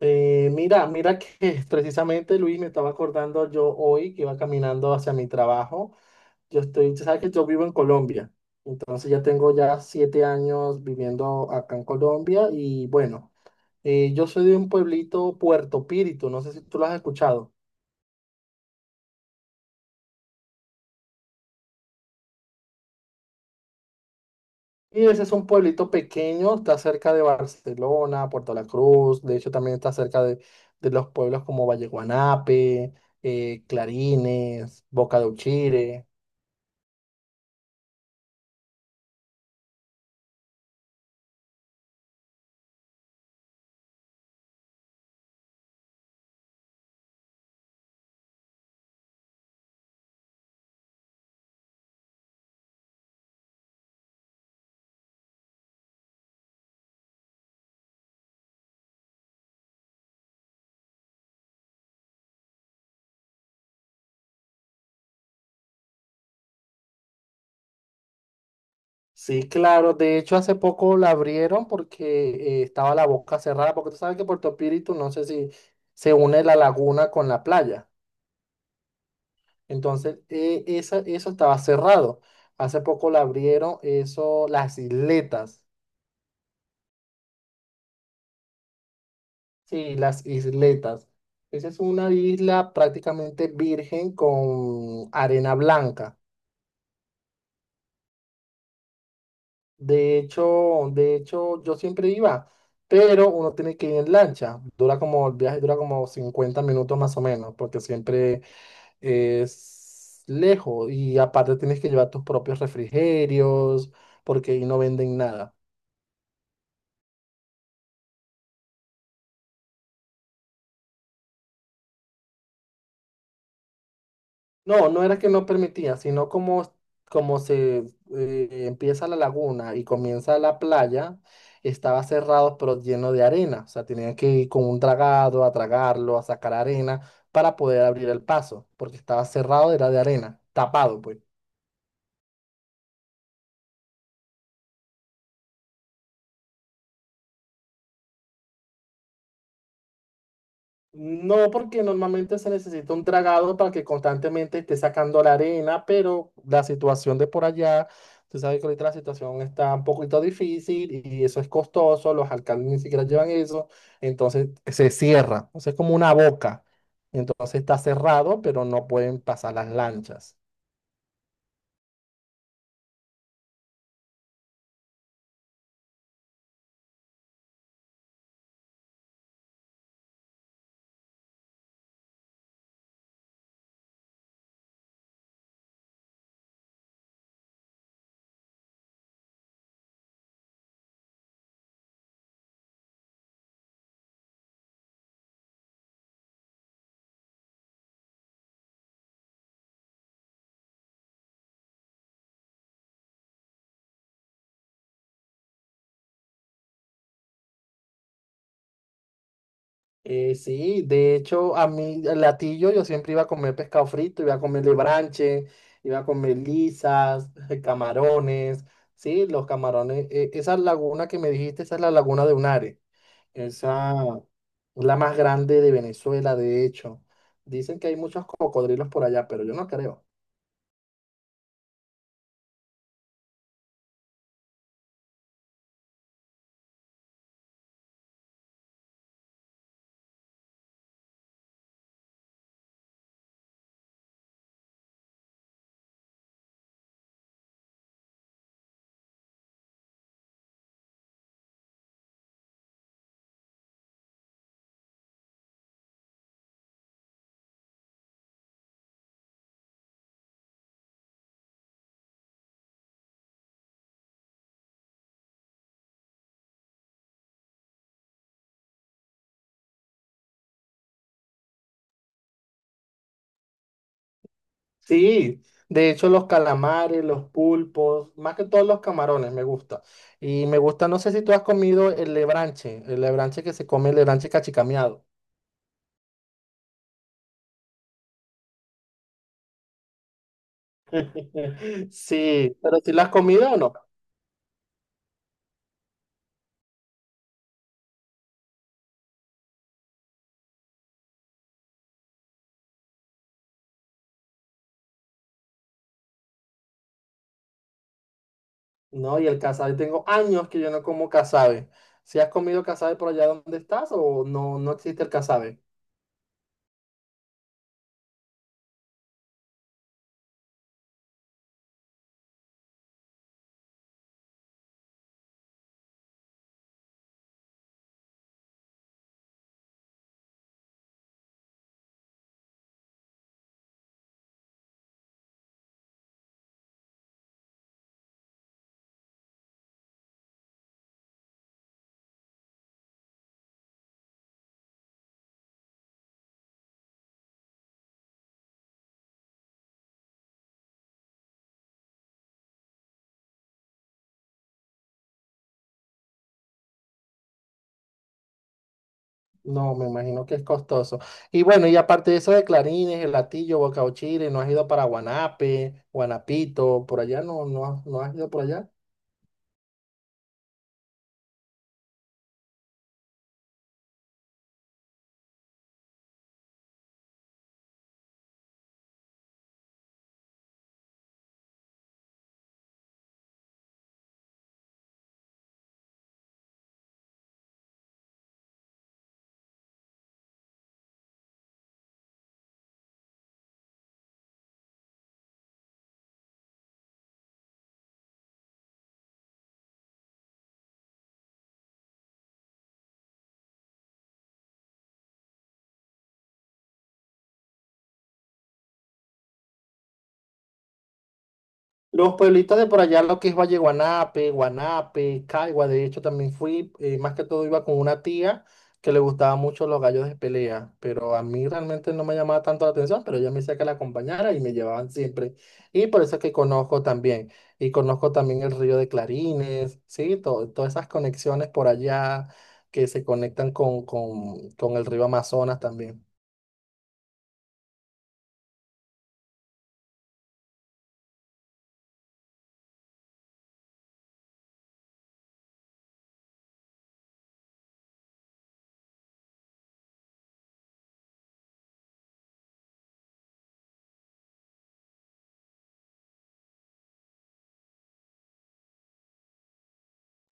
Mira que precisamente Luis me estaba acordando yo hoy que iba caminando hacia mi trabajo. Yo estoy, tú sabes que yo vivo en Colombia, entonces ya tengo ya 7 años viviendo acá en Colombia y bueno, yo soy de un pueblito Puerto Píritu, no sé si tú lo has escuchado. Y ese es un pueblito pequeño, está cerca de Barcelona, Puerto La Cruz, de hecho también está cerca de los pueblos como Valle Guanape, Clarines, Boca de Uchire. Sí, claro. De hecho, hace poco la abrieron porque estaba la boca cerrada, porque tú sabes que Puerto Píritu, no sé si se une la laguna con la playa. Entonces, eso estaba cerrado. Hace poco la abrieron, eso, las isletas. Sí, las isletas. Esa es una isla prácticamente virgen con arena blanca. De hecho, yo siempre iba, pero uno tiene que ir en lancha. Dura como, el viaje dura como 50 minutos más o menos, porque siempre es lejos. Y aparte tienes que llevar tus propios refrigerios, porque ahí no venden nada. No, no era que no permitía, sino como, como se empieza la laguna y comienza la playa, estaba cerrado pero lleno de arena. O sea, tenían que ir con un dragado a tragarlo, a sacar arena para poder abrir el paso, porque estaba cerrado, era de arena, tapado, pues. No, porque normalmente se necesita un dragado para que constantemente esté sacando la arena, pero la situación de por allá, tú sabes que ahorita la situación está un poquito difícil y eso es costoso, los alcaldes ni siquiera llevan eso, entonces se cierra, o sea, es como una boca, entonces está cerrado, pero no pueden pasar las lanchas. Sí, de hecho, a mí, el latillo, yo siempre iba a comer pescado frito, iba a comer lebranche, iba a comer lisas, camarones, sí, los camarones. Esa laguna que me dijiste, esa es la laguna de Unare. Esa es la más grande de Venezuela, de hecho. Dicen que hay muchos cocodrilos por allá, pero yo no creo. Sí, de hecho los calamares, los pulpos, más que todos los camarones me gusta. Y me gusta, no sé si tú has comido el lebranche que se come, el lebranche cachicameado. Sí, pero si lo has comido o no. No, y el casabe, tengo años que yo no como casabe. ¿Si has comido casabe por allá donde estás o no, no existe el casabe? No, me imagino que es costoso. Y bueno, y aparte de eso de clarines, el latillo, boca Bocauchire, ¿no has ido para Guanape, Guanapito, por allá? No, no, no has ido por allá. Los pueblitos de por allá, lo que es Valle Guanape, Guanape, Caigua, de hecho también fui, más que todo iba con una tía que le gustaba mucho los gallos de pelea, pero a mí realmente no me llamaba tanto la atención, pero ella me decía que la acompañara y me llevaban siempre. Y por eso es que conozco también, y conozco también el río de Clarines, ¿sí? Todas esas conexiones por allá que se conectan con el río Amazonas también.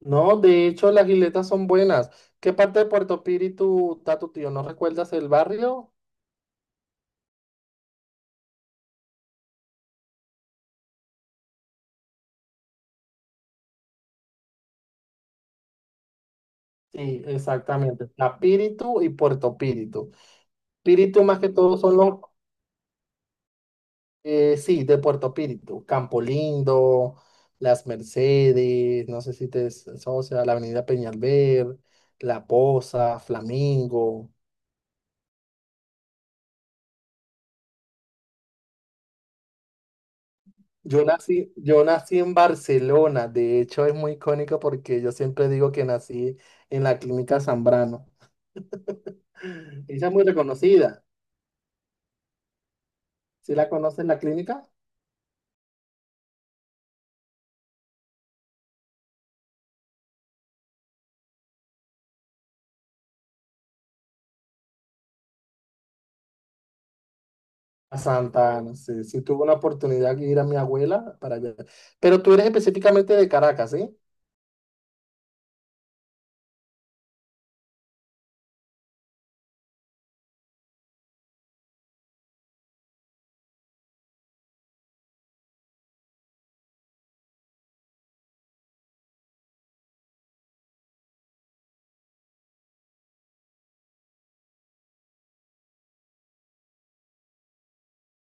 No, de hecho las isletas son buenas. ¿Qué parte de Puerto Píritu está tu tío? ¿No recuerdas el barrio? Sí, exactamente. Está Píritu y Puerto Píritu. Píritu más que todo son sí, de Puerto Píritu. Campo Lindo, Las Mercedes, no sé si te asocia, la Avenida Peñalver, La Poza, Flamingo. Yo nací en Barcelona, de hecho es muy icónico porque yo siempre digo que nací en la clínica Zambrano. Ella es muy reconocida. ¿Si la conoce en la clínica? A Santa Ana, sí. Sí tuve una oportunidad de ir a mi abuela para allá. Pero tú eres específicamente de Caracas, ¿sí?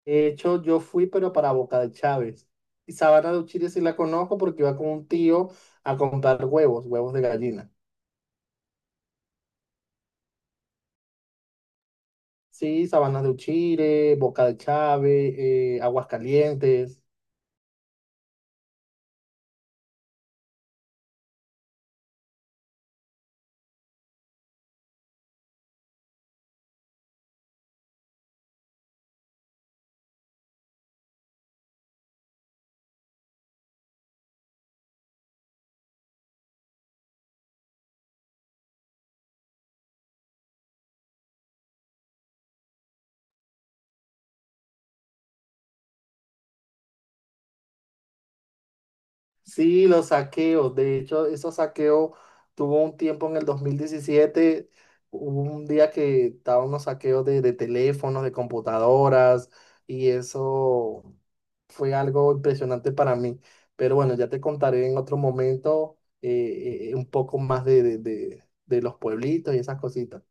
De hecho, yo fui, pero para Boca de Chávez. Y Sabana de Uchiri sí la conozco porque iba con un tío a comprar huevos, huevos de gallina. Sí, Sabana de Uchiri, Boca de Chávez, Aguascalientes. Sí, los saqueos. De hecho, esos saqueos tuvo un tiempo en el 2017, hubo un día que estaban unos saqueos de teléfonos, de computadoras, y eso fue algo impresionante para mí. Pero bueno, ya te contaré en otro momento un poco más de los pueblitos y esas cositas.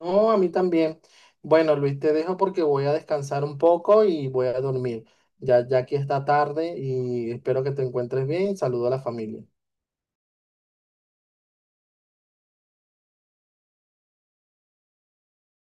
No, a mí también. Bueno, Luis, te dejo porque voy a descansar un poco y voy a dormir. Ya, ya aquí está tarde y espero que te encuentres bien. Saludo a la familia.